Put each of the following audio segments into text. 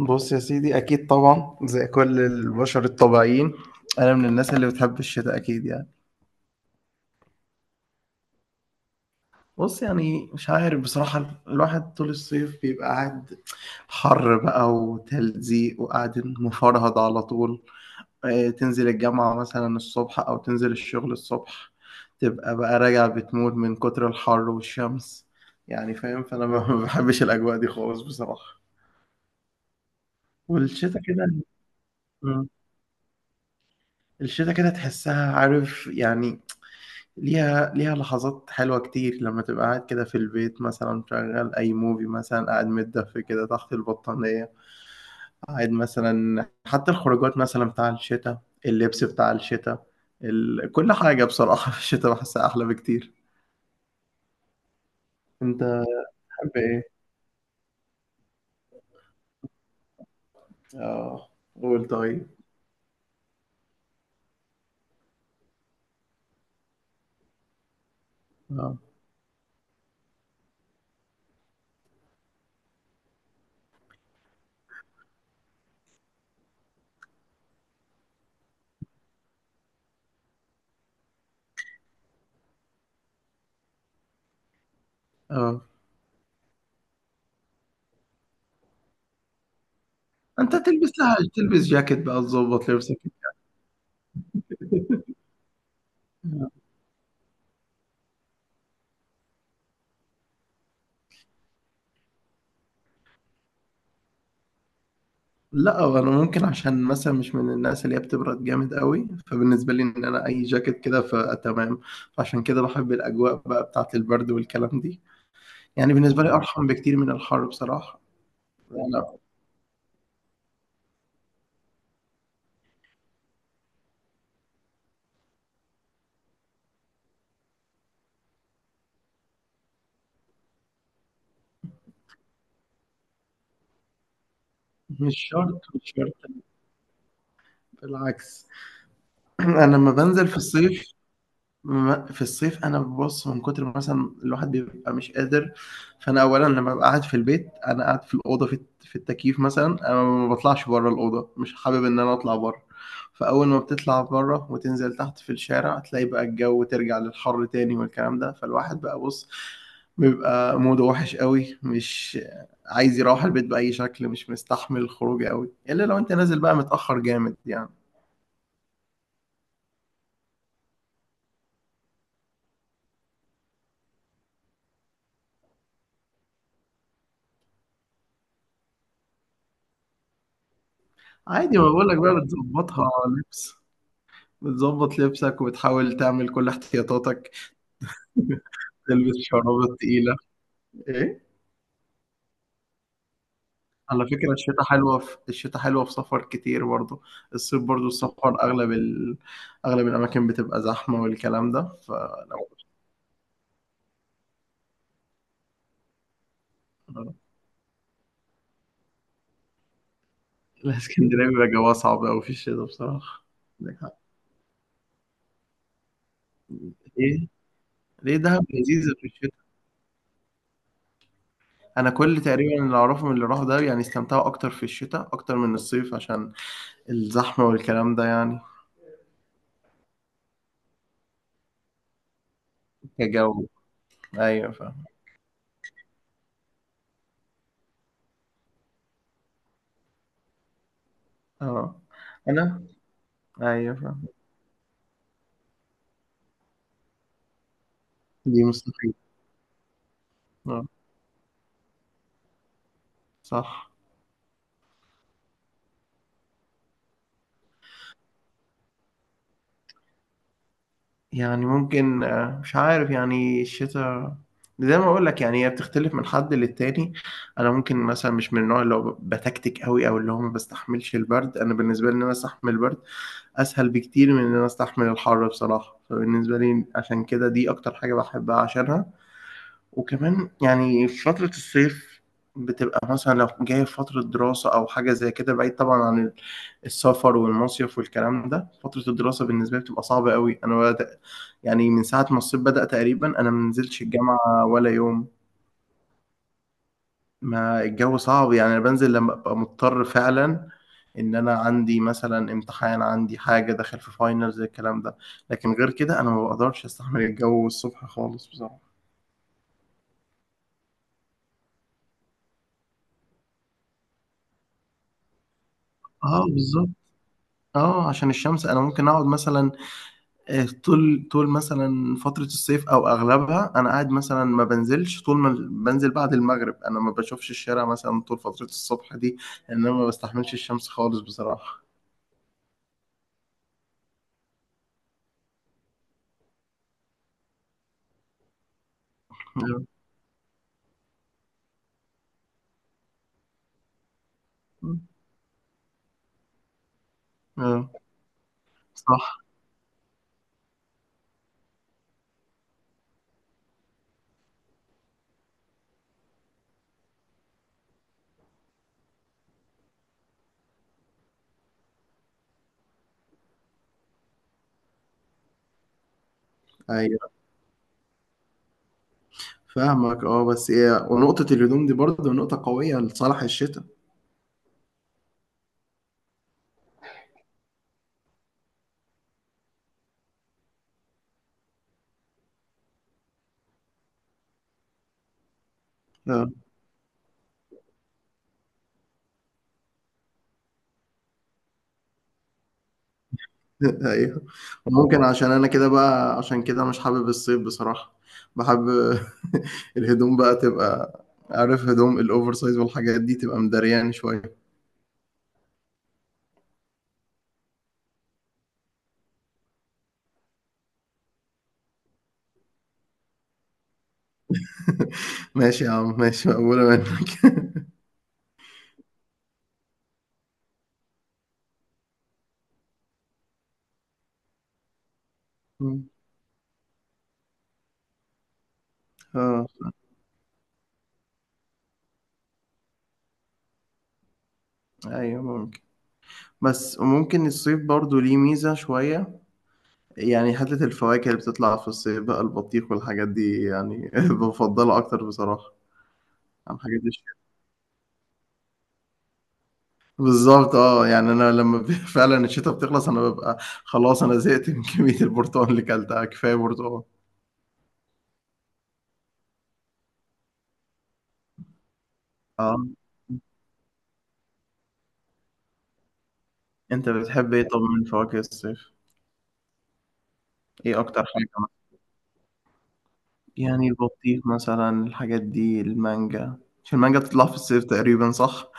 بص يا سيدي، اكيد طبعا زي كل البشر الطبيعيين. انا من الناس اللي بتحب الشتاء اكيد يعني. بص يعني مش عارف بصراحة، الواحد طول الصيف بيبقى قاعد حر بقى وتلزيق وقاعد مفرهد على طول. تنزل الجامعة مثلا الصبح او تنزل الشغل الصبح، تبقى بقى راجع بتموت من كتر الحر والشمس، يعني فاهم. فانا ما ما بحبش الاجواء دي خالص بصراحة. والشتاء كده الشتاء كده تحسها، عارف يعني؟ ليها لحظات حلوة كتير، لما تبقى قاعد كده في البيت مثلا مشغل أي موفي، مثلا قاعد متدفي كده تحت البطانية، قاعد مثلا. حتى الخروجات مثلا بتاع الشتاء، اللبس بتاع الشتاء، كل حاجة بصراحة في الشتاء بحسها أحلى بكتير. أنت تحب إيه؟ آه، قول طيب. آه. آه، أنت تلبس جاكيت بقى، تظبط لبسك. لا، هو انا ممكن عشان مثلا مش من الناس اللي هي بتبرد جامد قوي، فبالنسبه لي ان انا اي جاكيت كده فتمام. فعشان كده بحب الاجواء بقى بتاعه البرد والكلام دي. يعني بالنسبه لي ارحم بكتير من الحر بصراحه. لا، مش شرط، مش شرط. بالعكس. انا لما بنزل في الصيف، في الصيف انا ببص من كتر ما مثلا الواحد بيبقى مش قادر. فانا اولا لما ببقى قاعد في البيت انا قاعد في الاوضه، في التكييف مثلا، انا ما بطلعش بره الاوضه، مش حابب ان انا اطلع بره. فاول ما بتطلع بره وتنزل تحت في الشارع، تلاقي بقى الجو ترجع للحر تاني والكلام ده. فالواحد بقى، بص، بيبقى موده وحش قوي، مش عايز يروح البيت باي شكل، مش مستحمل الخروج قوي الا لو انت نازل بقى متاخر جامد يعني. عادي، ما بقول لك بقى، بتظبطها. لبس. بتظبط لبسك وبتحاول تعمل كل احتياطاتك. تلبس شراب تقيلة. ايه؟ على فكرة الشتاء حلوة، في الشتاء حلوة في سفر كتير برضو. الصيف برضو السفر أغلب أغلب الأماكن بتبقى زحمة والكلام ده فلو. الإسكندرية بيبقى جواها صعب أوي في الشتاء بصراحة. عندك حق. ليه؟ ليه دهب لذيذة في الشتاء؟ أنا كل تقريبا اللي أعرفه من اللي راحوا ده يعني استمتعوا أكتر في الشتاء أكتر من الصيف، عشان الزحمة والكلام ده يعني. كجو. أيوة. اه. انا ايوه فاهم. دي مستحيل. اه، صح. يعني ممكن، مش عارف يعني. الشتاء زي ما اقول لك يعني هي بتختلف من حد للتاني. انا ممكن مثلا مش من النوع اللي هو بتكتك قوي او اللي هو ما بستحملش البرد، انا بالنسبه لي ان انا استحمل البرد اسهل بكتير من ان انا استحمل الحر بصراحه. فبالنسبه لي عشان كده دي اكتر حاجه بحبها عشانها. وكمان يعني في فترة الصيف بتبقى مثلا لو جاية في فترة دراسة أو حاجة زي كده، بعيد طبعا عن السفر والمصيف والكلام ده. فترة الدراسة بالنسبة لي بتبقى صعبة قوي. أنا بدأ يعني من ساعة ما الصيف بدأ تقريبا أنا ما نزلتش الجامعة ولا يوم، ما الجو صعب يعني. أنا بنزل لما أبقى مضطر فعلا، إن أنا عندي مثلا امتحان، عندي حاجة داخل في فاينلز الكلام ده. لكن غير كده أنا ما بقدرش أستحمل الجو الصبح خالص بصراحة. اه، بالظبط. اه، عشان الشمس. انا ممكن اقعد مثلا، طول مثلا فترة الصيف او اغلبها انا قاعد مثلا ما بنزلش، طول ما بنزل بعد المغرب انا ما بشوفش الشارع مثلا طول فترة الصبح دي، لان انا ما بستحملش الشمس خالص بصراحة. اه. آه، صح. ايوه فاهمك. اه، بس ايه، ونقطة الهدوم دي برضه نقطة قوية لصالح الشتاء. ايوه ممكن، عشان انا كده بقى، عشان كده مش حابب الصيف بصراحة. بحب الهدوم بقى، تبقى عارف، هدوم الاوفر سايز والحاجات دي تبقى مدريان شوية. ماشي يا عم، ماشي، مقبولة منك. مم. اه، ايوه ممكن، بس وممكن الصيف برضو ليه ميزة شوية، يعني حتة الفواكه اللي بتطلع في الصيف بقى، البطيخ والحاجات دي يعني بفضلها اكتر بصراحة عن الحاجات دي. بالظبط، اه، يعني انا لما فعلا الشتاء بتخلص انا ببقى خلاص، انا زهقت من كمية البرتقال اللي كلتها، كفاية برتقال. اه، انت بتحب ايه طب من فواكه الصيف؟ ايه اكتر حاجة مثلا؟ يعني البطيخ مثلا، الحاجات دي، المانجا، مش المانجا بتطلع في الصيف تقريبا، صح؟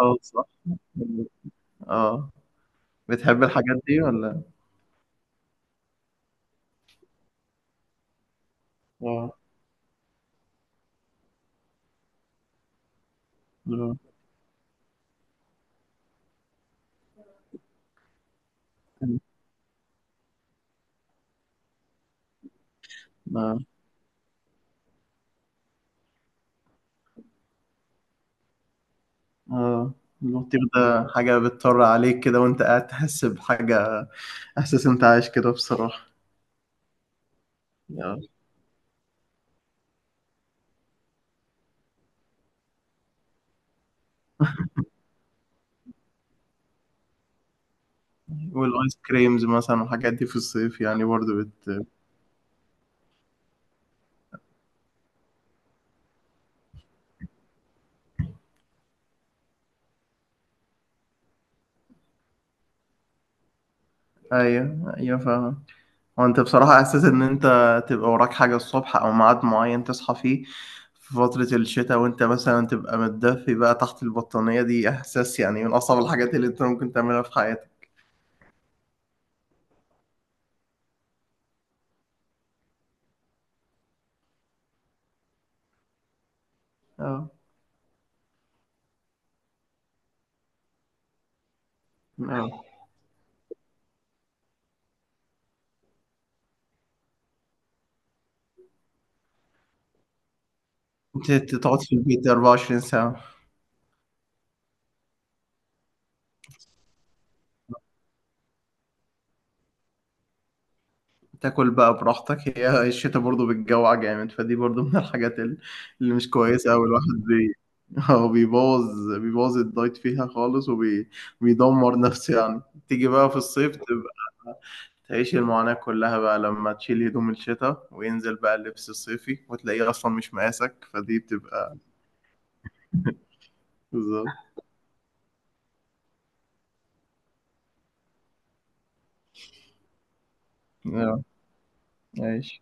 اه، صح. اه، بتحب الحاجات دي ولا؟ اه. لا. لا. اه، البطيخ ده حاجة بتطر عليك كده وانت قاعد، تحس بحاجة، احساس انت عايش كده بصراحة. والايس كريمز مثلا والحاجات دي في الصيف يعني برضو بت... ايوه، ايوه فاهم. هو انت بصراحة احساس ان انت تبقى وراك حاجة الصبح او ميعاد معين تصحى فيه في فترة الشتاء وانت مثلا تبقى متدفي بقى تحت البطانية، دي احساس يعني من اصعب الحاجات اللي انت ممكن تعملها في حياتك. اه. اه، انت تقعد في البيت 24 ساعة، تاكل بقى براحتك. هي الشتا برضو بتجوع جامد، فدي برضو من الحاجات اللي مش كويسة أوي. الواحد هو بيبوظ الدايت فيها خالص وبيدمر نفسه يعني. تيجي بقى في الصيف تبقى تعيش المعاناة كلها بقى، لما تشيل هدوم الشتاء وينزل بقى اللبس الصيفي وتلاقيه أصلا مش مقاسك، فدي بتبقى... بالظبط. آه، ماشي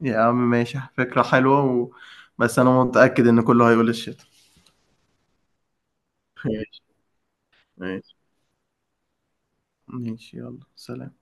يا عم، ماشي فكرة حلوة، و... بس أنا متأكد إن كله هيقول الشتاء. ماشي. ماشي ماشي يلا سلام.